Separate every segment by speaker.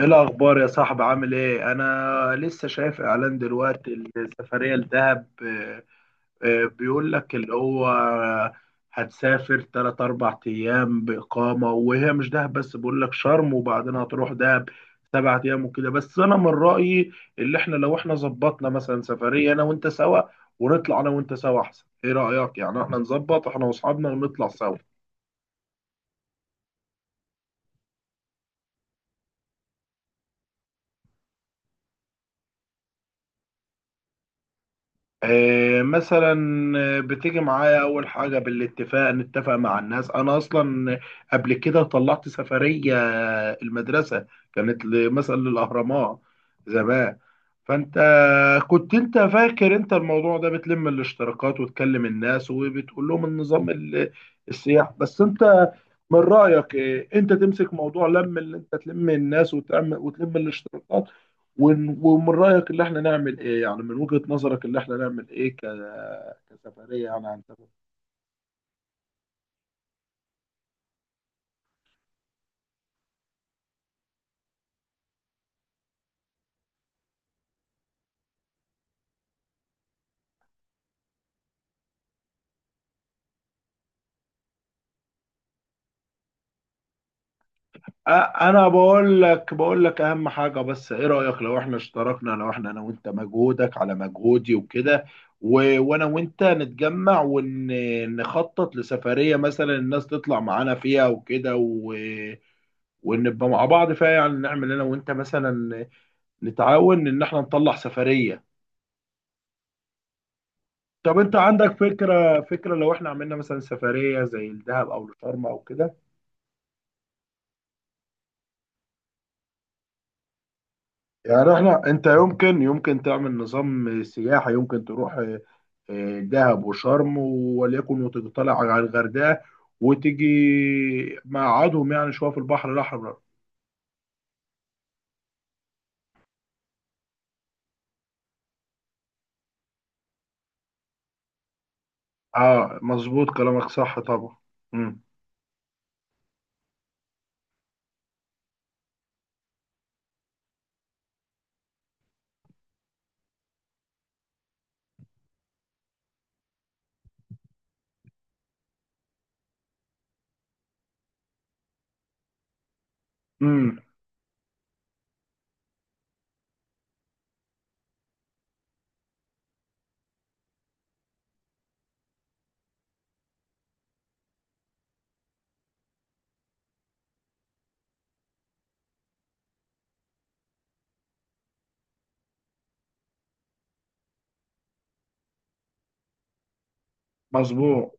Speaker 1: ايه الاخبار يا صاحبي، عامل ايه؟ انا لسه شايف اعلان دلوقتي، السفريه لدهب. بيقول لك اللي هو هتسافر 3 4 ايام باقامه، وهي مش دهب بس، بيقول لك شرم وبعدين هتروح دهب 7 ايام وكده. بس انا من رايي، اللي احنا لو احنا ظبطنا مثلا سفريه انا وانت سوا، ونطلع انا وانت سوا احسن. ايه رايك يعني احنا نظبط احنا واصحابنا ونطلع سوا؟ مثلا. بتيجي معايا، اول حاجه بالاتفاق نتفق مع الناس. انا اصلا قبل كده طلعت سفريه المدرسه، كانت مثلا للاهرامات زمان. فانت كنت انت فاكر انت الموضوع ده بتلم الاشتراكات وتكلم الناس وبتقول لهم النظام السياح. بس انت من رأيك إيه؟ انت تمسك موضوع لم، اللي انت تلم الناس وتعمل وتلم الاشتراكات، ومن رأيك اللي احنا نعمل ايه؟ يعني من وجهة نظرك اللي احنا نعمل ايه كسفرية يعني، عن سفر. انا بقول لك اهم حاجه، بس ايه رايك لو احنا اشتركنا، لو احنا انا وانت، مجهودك على مجهودي وكده وانا وانت نتجمع ونخطط لسفريه، مثلا الناس تطلع معانا فيها وكده ونبقى مع بعض فيها؟ يعني نعمل انا وانت مثلا نتعاون ان احنا نطلع سفريه. طب انت عندك فكره لو احنا عملنا مثلا سفريه زي الدهب او الشرم او كده؟ يعني احنا، انت يمكن تعمل نظام سياحة، يمكن تروح اه، دهب وشرم، وليكن وتطلع على الغردقة وتيجي مقعدهم يعني شوية في البحر الأحمر. اه، مظبوط كلامك، صح طبعا. امم امم مظبوط.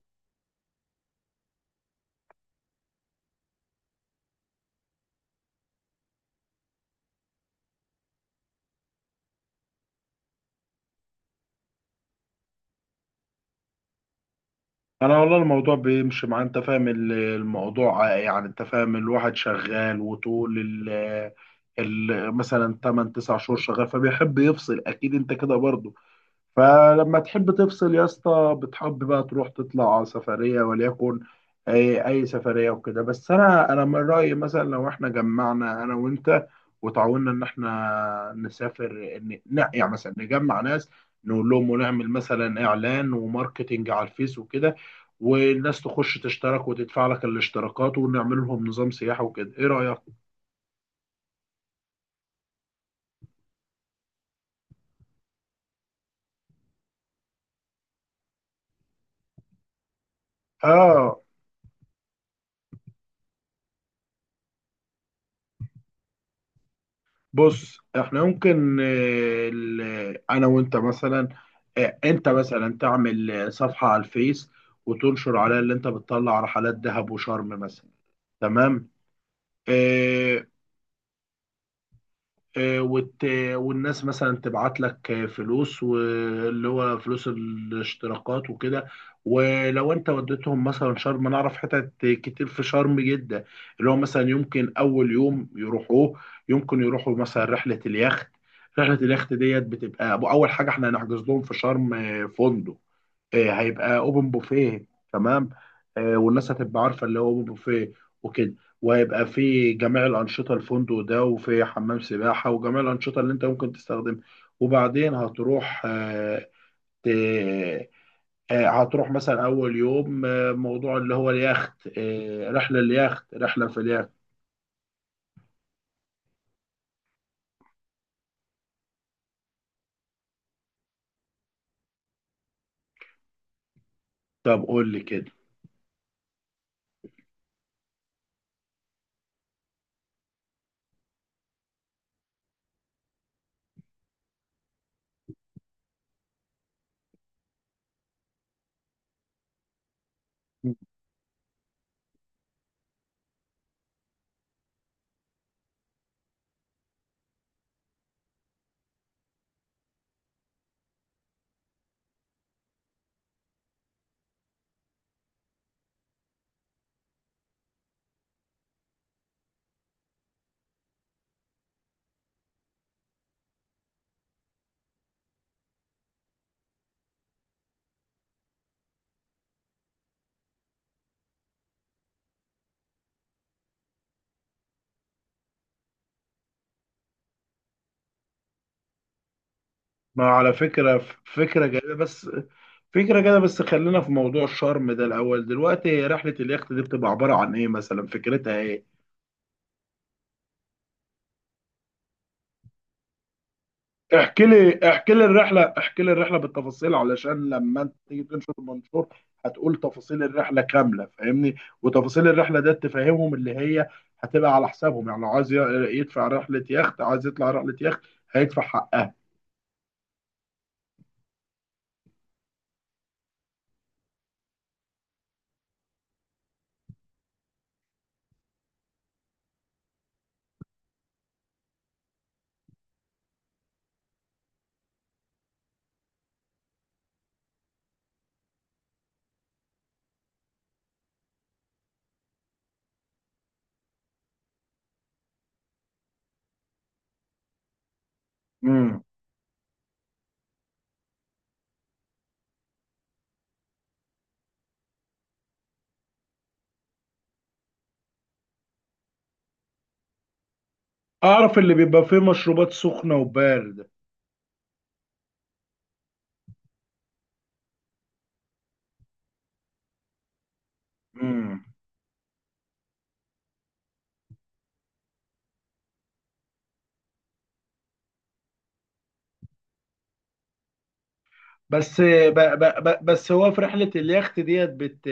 Speaker 1: انا والله الموضوع بيمشي مع، انت فاهم الموضوع يعني. انت فاهم، الواحد شغال، وطول ال مثلا 8 9 شهور شغال، فبيحب يفصل اكيد، انت كده برضه. فلما تحب تفصل يا اسطى، بتحب بقى تروح تطلع سفرية وليكن أي سفرية وكده. بس أنا من رأيي مثلا لو إحنا جمعنا أنا وأنت وتعاوننا إن إحنا نسافر، يعني مثلا نجمع ناس، نقول لهم ونعمل مثلا إعلان وماركتينج على الفيس وكده، والناس تخش تشترك وتدفع لك الاشتراكات ونعمل لهم نظام سياحة وكده. إيه رأيك؟ آه، بص. احنا ممكن انا وانت مثلا، انت مثلا تعمل صفحة على الفيس وتنشر عليها اللي انت بتطلع رحلات دهب وشرم مثلا، تمام. آه، آه، وت... والناس مثلا تبعت لك فلوس، واللي هو فلوس الاشتراكات وكده. ولو انت وديتهم مثلا شرم، انا اعرف حتت كتير في شرم جدا، اللي هو مثلا يمكن اول يوم يروحوه، يمكن يروحوا مثلا رحلة اليخت. رحلة اليخت ديت بتبقى اول حاجة. احنا هنحجز لهم في شرم فندق، هيبقى اوبن بوفيه، تمام. والناس هتبقى عارفه اللي هو اوبن بوفيه وكده، وهيبقى في جميع الانشطه، الفندق ده وفي حمام سباحه وجميع الانشطه اللي انت ممكن تستخدمها. وبعدين هتروح ت- هتروح مثلا اول يوم موضوع اللي هو اليخت، رحله اليخت، رحله في اليخت. طب قول لي كده. ما على فكرة، فكرة جميلة، بس فكرة كده. بس خلينا في موضوع الشرم ده الأول دلوقتي. هي رحلة اليخت دي بتبقى عبارة عن إيه مثلا؟ فكرتها إيه؟ احكي لي الرحلة بالتفاصيل علشان لما أنت تيجي تنشر المنشور، هتقول تفاصيل الرحلة كاملة، فاهمني؟ وتفاصيل الرحلة ده تفهمهم اللي هي هتبقى على حسابهم، يعني لو عايز يدفع رحلة يخت، عايز يطلع رحلة يخت، هيدفع حقها. امم أعرف اللي بيبقى فيه مشروبات سخنة وباردة. امم بس ب ب ب بس هو في رحلة اليخت ديت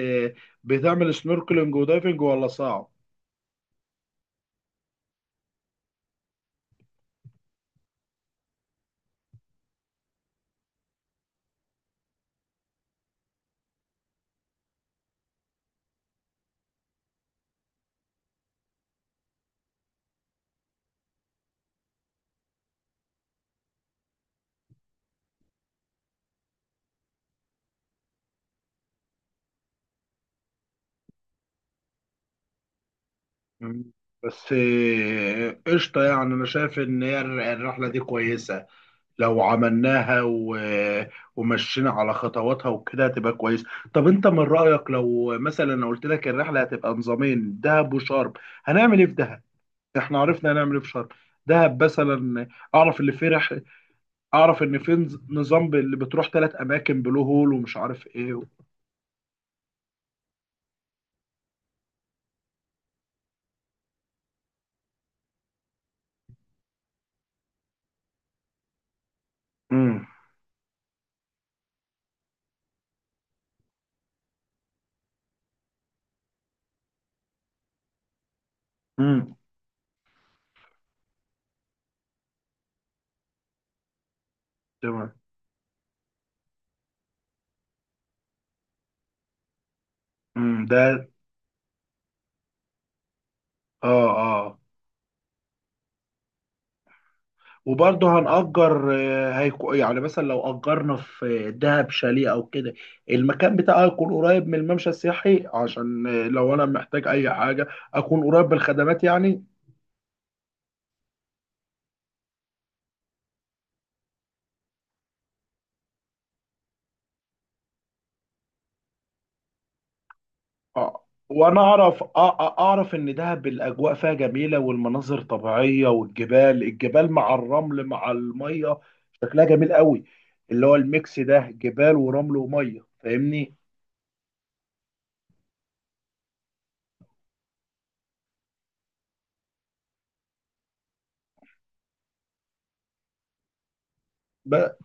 Speaker 1: بتعمل سنوركلينج ودايفنج ولا صعب؟ مم. بس قشطة يعني. أنا شايف إن هي الرحلة دي كويسة، لو عملناها ومشينا على خطواتها وكده هتبقى كويس. طب أنت من رأيك لو مثلا أنا قلت لك الرحلة هتبقى نظامين، دهب وشرم، هنعمل إيه في دهب؟ إحنا عرفنا هنعمل إيه في شرم. دهب مثلا، أعرف اللي فيه اعرف ان في نظام اللي بتروح 3 اماكن، بلو هول ومش عارف ايه امم امم تمام. ده، اه، اه، وبرضه هنأجر هيكو، يعني مثلا لو أجرنا في دهب شاليه أو كده، المكان بتاعه يكون قريب من الممشى السياحي، عشان لو أنا محتاج أي حاجة أكون قريب بالخدمات يعني. آه. وانا اعرف اعرف ان دهب الاجواء فيها جميله، والمناظر طبيعيه، والجبال، مع الرمل مع الميه، شكلها جميل قوي، اللي هو الميكس ده جبال ورمل وميه، فاهمني؟ بقى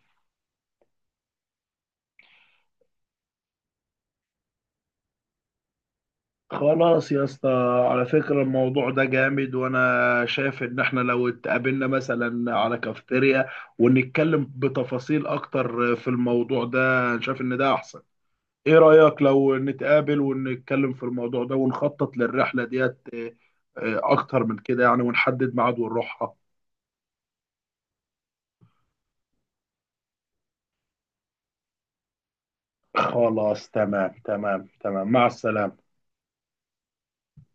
Speaker 1: خلاص يا اسطى. على فكره الموضوع ده جامد، وانا شايف ان احنا لو اتقابلنا مثلا على كافتيريا ونتكلم بتفاصيل اكتر في الموضوع ده، شايف ان ده احسن. ايه رأيك لو نتقابل ونتكلم في الموضوع ده ونخطط للرحلة ديت؟ اكتر من كده يعني، ونحدد ميعاد ونروحها. خلاص، تمام تمام تمام، مع السلامة.